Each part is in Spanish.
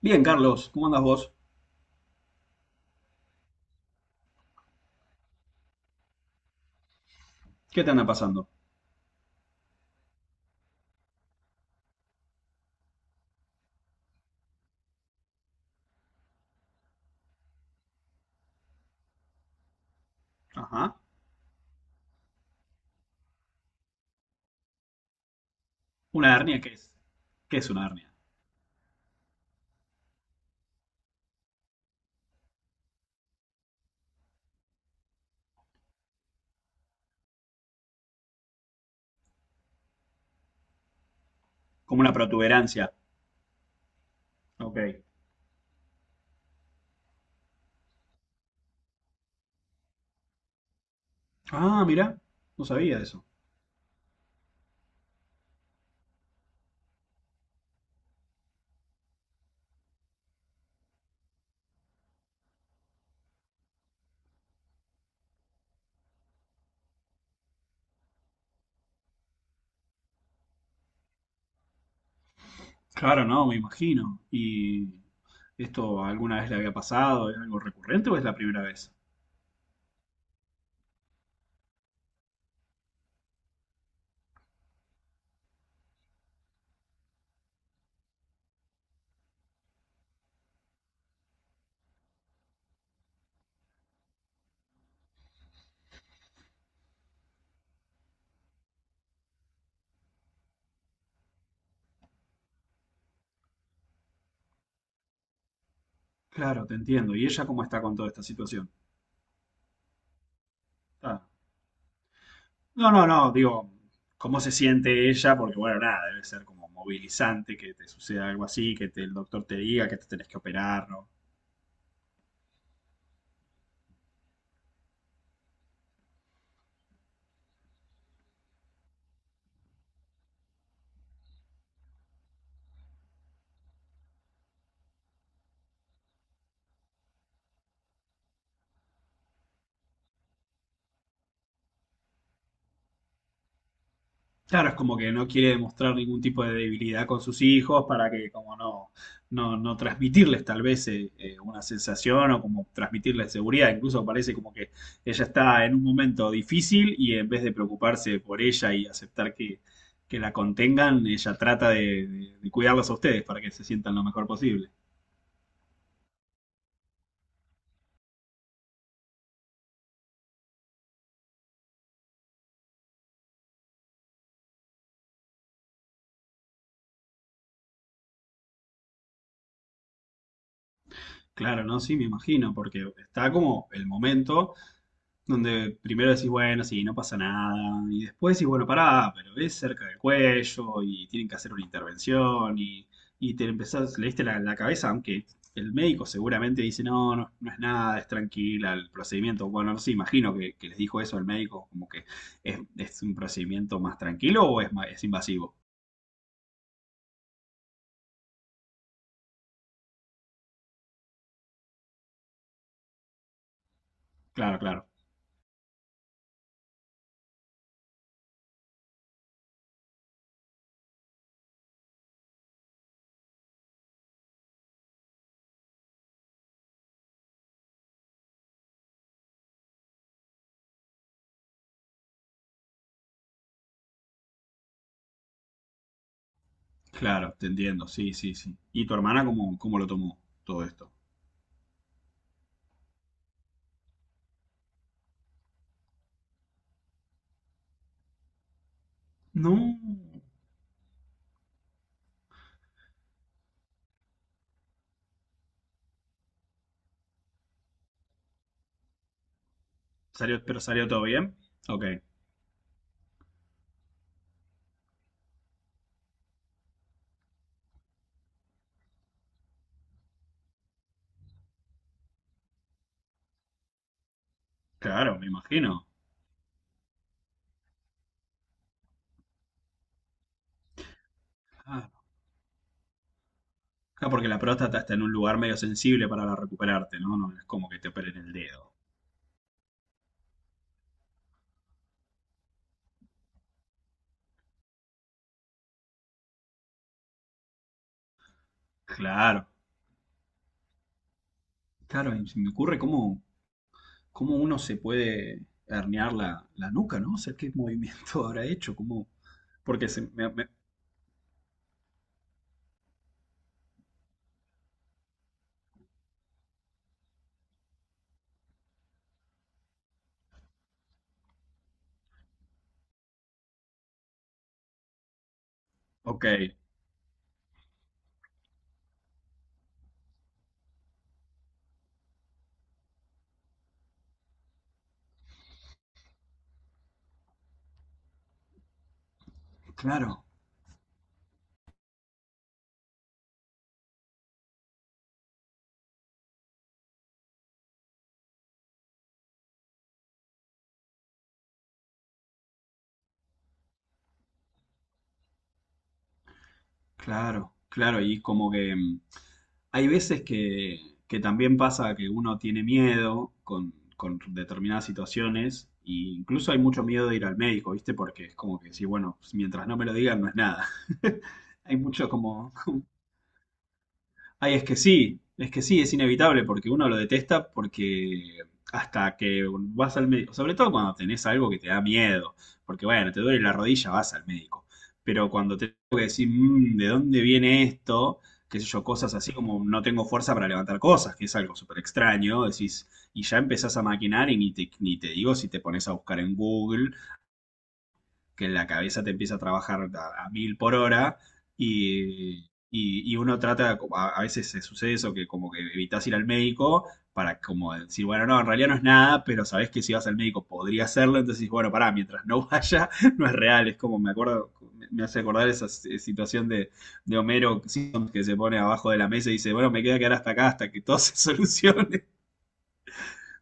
Bien, Carlos, ¿cómo andas vos? ¿Qué te anda pasando? Ajá. ¿Una hernia qué es? ¿Qué es una hernia? Como una protuberancia. Ok. Ah, mira, no sabía de eso. Claro, no, me imagino. ¿Y esto alguna vez le había pasado? ¿Es algo recurrente o es la primera vez? Claro, te entiendo. ¿Y ella cómo está con toda esta situación? Ah. No, no, no, digo, ¿cómo se siente ella? Porque bueno, nada, debe ser como movilizante que te suceda algo así, el doctor te diga que te tenés que operar, ¿no? Claro, es como que no quiere demostrar ningún tipo de debilidad con sus hijos para que como no transmitirles tal vez una sensación o como transmitirles seguridad. Incluso parece como que ella está en un momento difícil y en vez de preocuparse por ella y aceptar que la contengan, ella trata de cuidarlos a ustedes para que se sientan lo mejor posible. Claro, no, sí, me imagino, porque está como el momento donde primero decís, bueno, sí, no pasa nada, y después decís, bueno, pará, pero es cerca del cuello y tienen que hacer una intervención y te empezás, le diste la cabeza, aunque el médico seguramente dice, no, no, no es nada, es tranquila el procedimiento. Bueno, no sé, imagino que les dijo eso el médico, como que es un procedimiento más tranquilo o es invasivo. Claro, claro, claro, te entiendo, sí, sí, sí. ¿Y tu hermana cómo lo tomó todo esto? No. ¿Salió, pero salió todo bien? Ok, claro, me imagino. Claro. Ah, porque la próstata está en un lugar medio sensible para recuperarte, ¿no? No es como que te operen el dedo. Claro, claro, y se me ocurre cómo uno se puede herniar la nuca, ¿no? O sea, qué movimiento habrá hecho, cómo. Porque se me, me- Ok, claro, claro, claro, y como que. Hay veces que también pasa que uno tiene miedo con determinadas situaciones, e incluso hay mucho miedo de ir al médico, ¿viste? Porque es como que sí, bueno, mientras no me lo digan, no es nada. Hay mucho como. Ay, es que sí, es que sí, es inevitable porque uno lo detesta porque hasta que vas al médico, sobre todo cuando tenés algo que te da miedo, porque bueno, te duele la rodilla, vas al médico, pero cuando te tengo que decir, "Mm, ¿de dónde viene esto? Qué sé yo, cosas así como no tengo fuerza para levantar cosas, que es algo súper extraño, decís, y ya empezás a maquinar y ni te digo si te pones a buscar en Google que la cabeza te empieza a trabajar a mil por hora y, y uno trata, a veces se sucede eso, que como que evitas ir al médico para como decir, bueno, no, en realidad no es nada, pero sabes que si vas al médico podría hacerlo, entonces bueno, pará, mientras no vaya, no es real, es como me acuerdo, me hace acordar esa situación de Homero Simpson que se pone abajo de la mesa y dice, bueno, me queda quedar hasta acá, hasta que todo se solucione,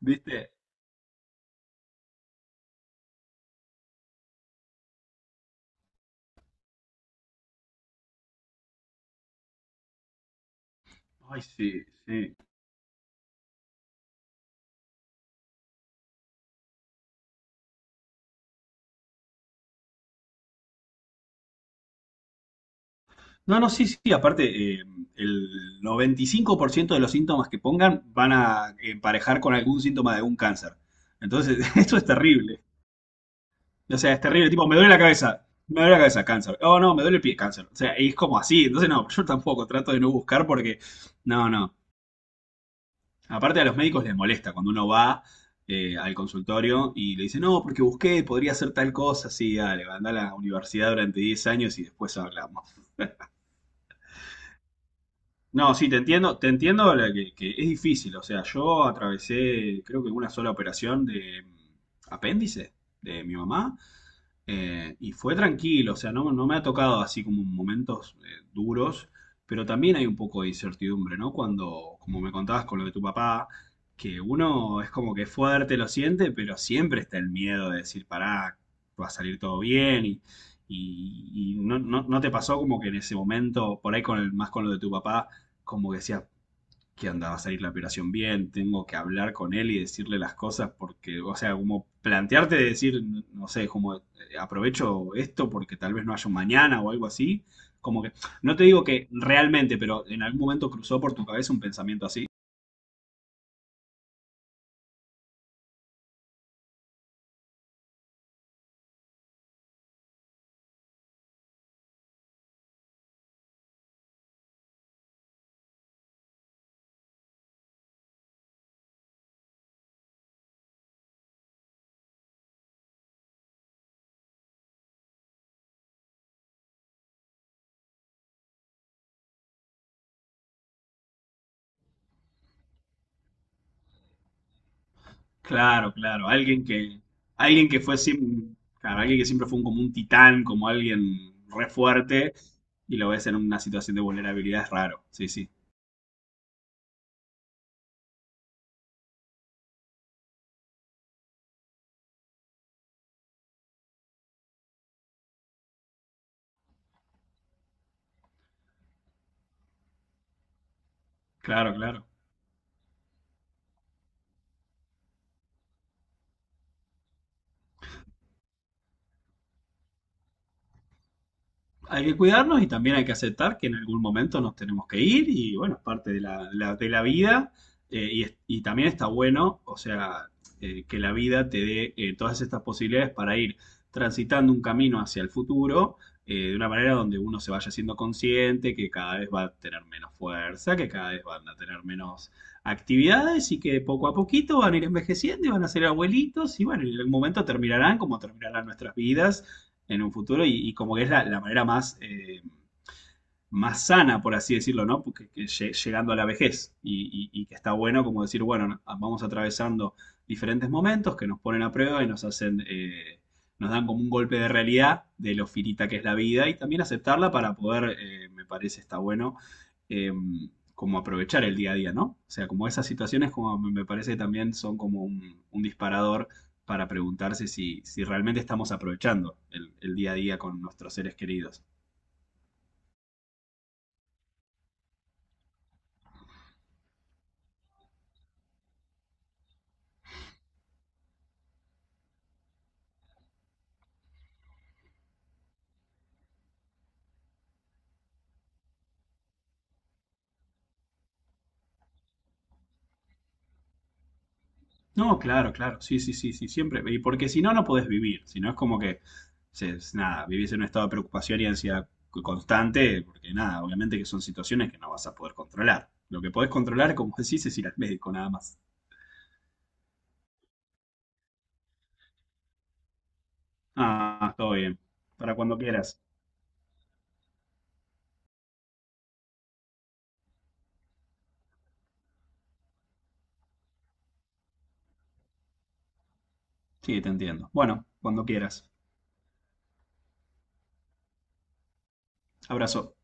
¿viste? Ay, sí, sí. No, no, sí, sí, aparte, eh, el 95% de los síntomas que pongan van a emparejar con algún síntoma de un cáncer. Entonces, esto es terrible. O sea, es terrible, tipo, me duele la cabeza, me duele la cabeza, cáncer. Oh, no, me duele el pie, cáncer. O sea, es como así. Entonces, no, yo tampoco trato de no buscar porque, no, no. Aparte a los médicos les molesta cuando uno va al consultorio y le dice, no, porque busqué, podría hacer tal cosa, sí, dale, anda a la universidad durante 10 años y después hablamos. No, sí, te entiendo la que es difícil. O sea, yo atravesé, creo que una sola operación de apéndice de mi mamá y fue tranquilo. O sea, no, no me ha tocado así como momentos duros, pero también hay un poco de incertidumbre, ¿no? Cuando, como me contabas con lo de tu papá, que uno es como que es fuerte, lo siente, pero siempre está el miedo de decir, pará, va a salir todo bien. Y- y no te pasó como que en ese momento, por ahí con el, más con lo de tu papá, como que decía que andaba a salir la operación bien, tengo que hablar con él y decirle las cosas porque, o sea, como plantearte de decir, no sé, como aprovecho esto porque tal vez no haya un mañana o algo así, como que, no te digo que realmente, pero en algún momento cruzó por tu cabeza un pensamiento así. Claro, claro, alguien que fue siem- claro, alguien que siempre fue como un titán, como alguien re fuerte, y lo ves en una situación de vulnerabilidad es raro, sí, sí, claro, claro. Hay que cuidarnos y también hay que aceptar que en algún momento nos tenemos que ir y bueno, es parte de la vida. Y también está bueno, o sea, que la vida te dé todas estas posibilidades para ir transitando un camino hacia el futuro. De una manera donde uno se vaya siendo consciente que cada vez va a tener menos fuerza, que cada vez van a tener menos actividades y que poco a poquito van a ir envejeciendo y van a ser abuelitos y bueno, en algún momento terminarán como terminarán nuestras vidas en un futuro y como que es la manera más sana, por así decirlo, ¿no? Porque, que llegando a la vejez y que está bueno como decir, bueno, no, ah, vamos atravesando diferentes momentos que nos ponen a prueba y nos hacen, nos dan como un golpe de realidad de lo finita que es la vida y también aceptarla para poder, me parece, está bueno, eh, como aprovechar el día a día, ¿no? O sea, como esas situaciones como me parece que también son como un disparador para preguntarse si realmente estamos aprovechando el día a día con nuestros seres queridos. No, claro, claro, sí, sí, sí, sí, siempre. Y porque si no, no podés vivir. Si no, es como que es nada, vivís en un estado de preocupación y ansiedad constante, porque nada, obviamente que son situaciones que no vas a poder controlar. Lo que podés controlar, como decís, es ir al médico, nada más. Ah, todo bien. Para cuando quieras. Sí, te entiendo. Bueno, cuando quieras. Abrazo.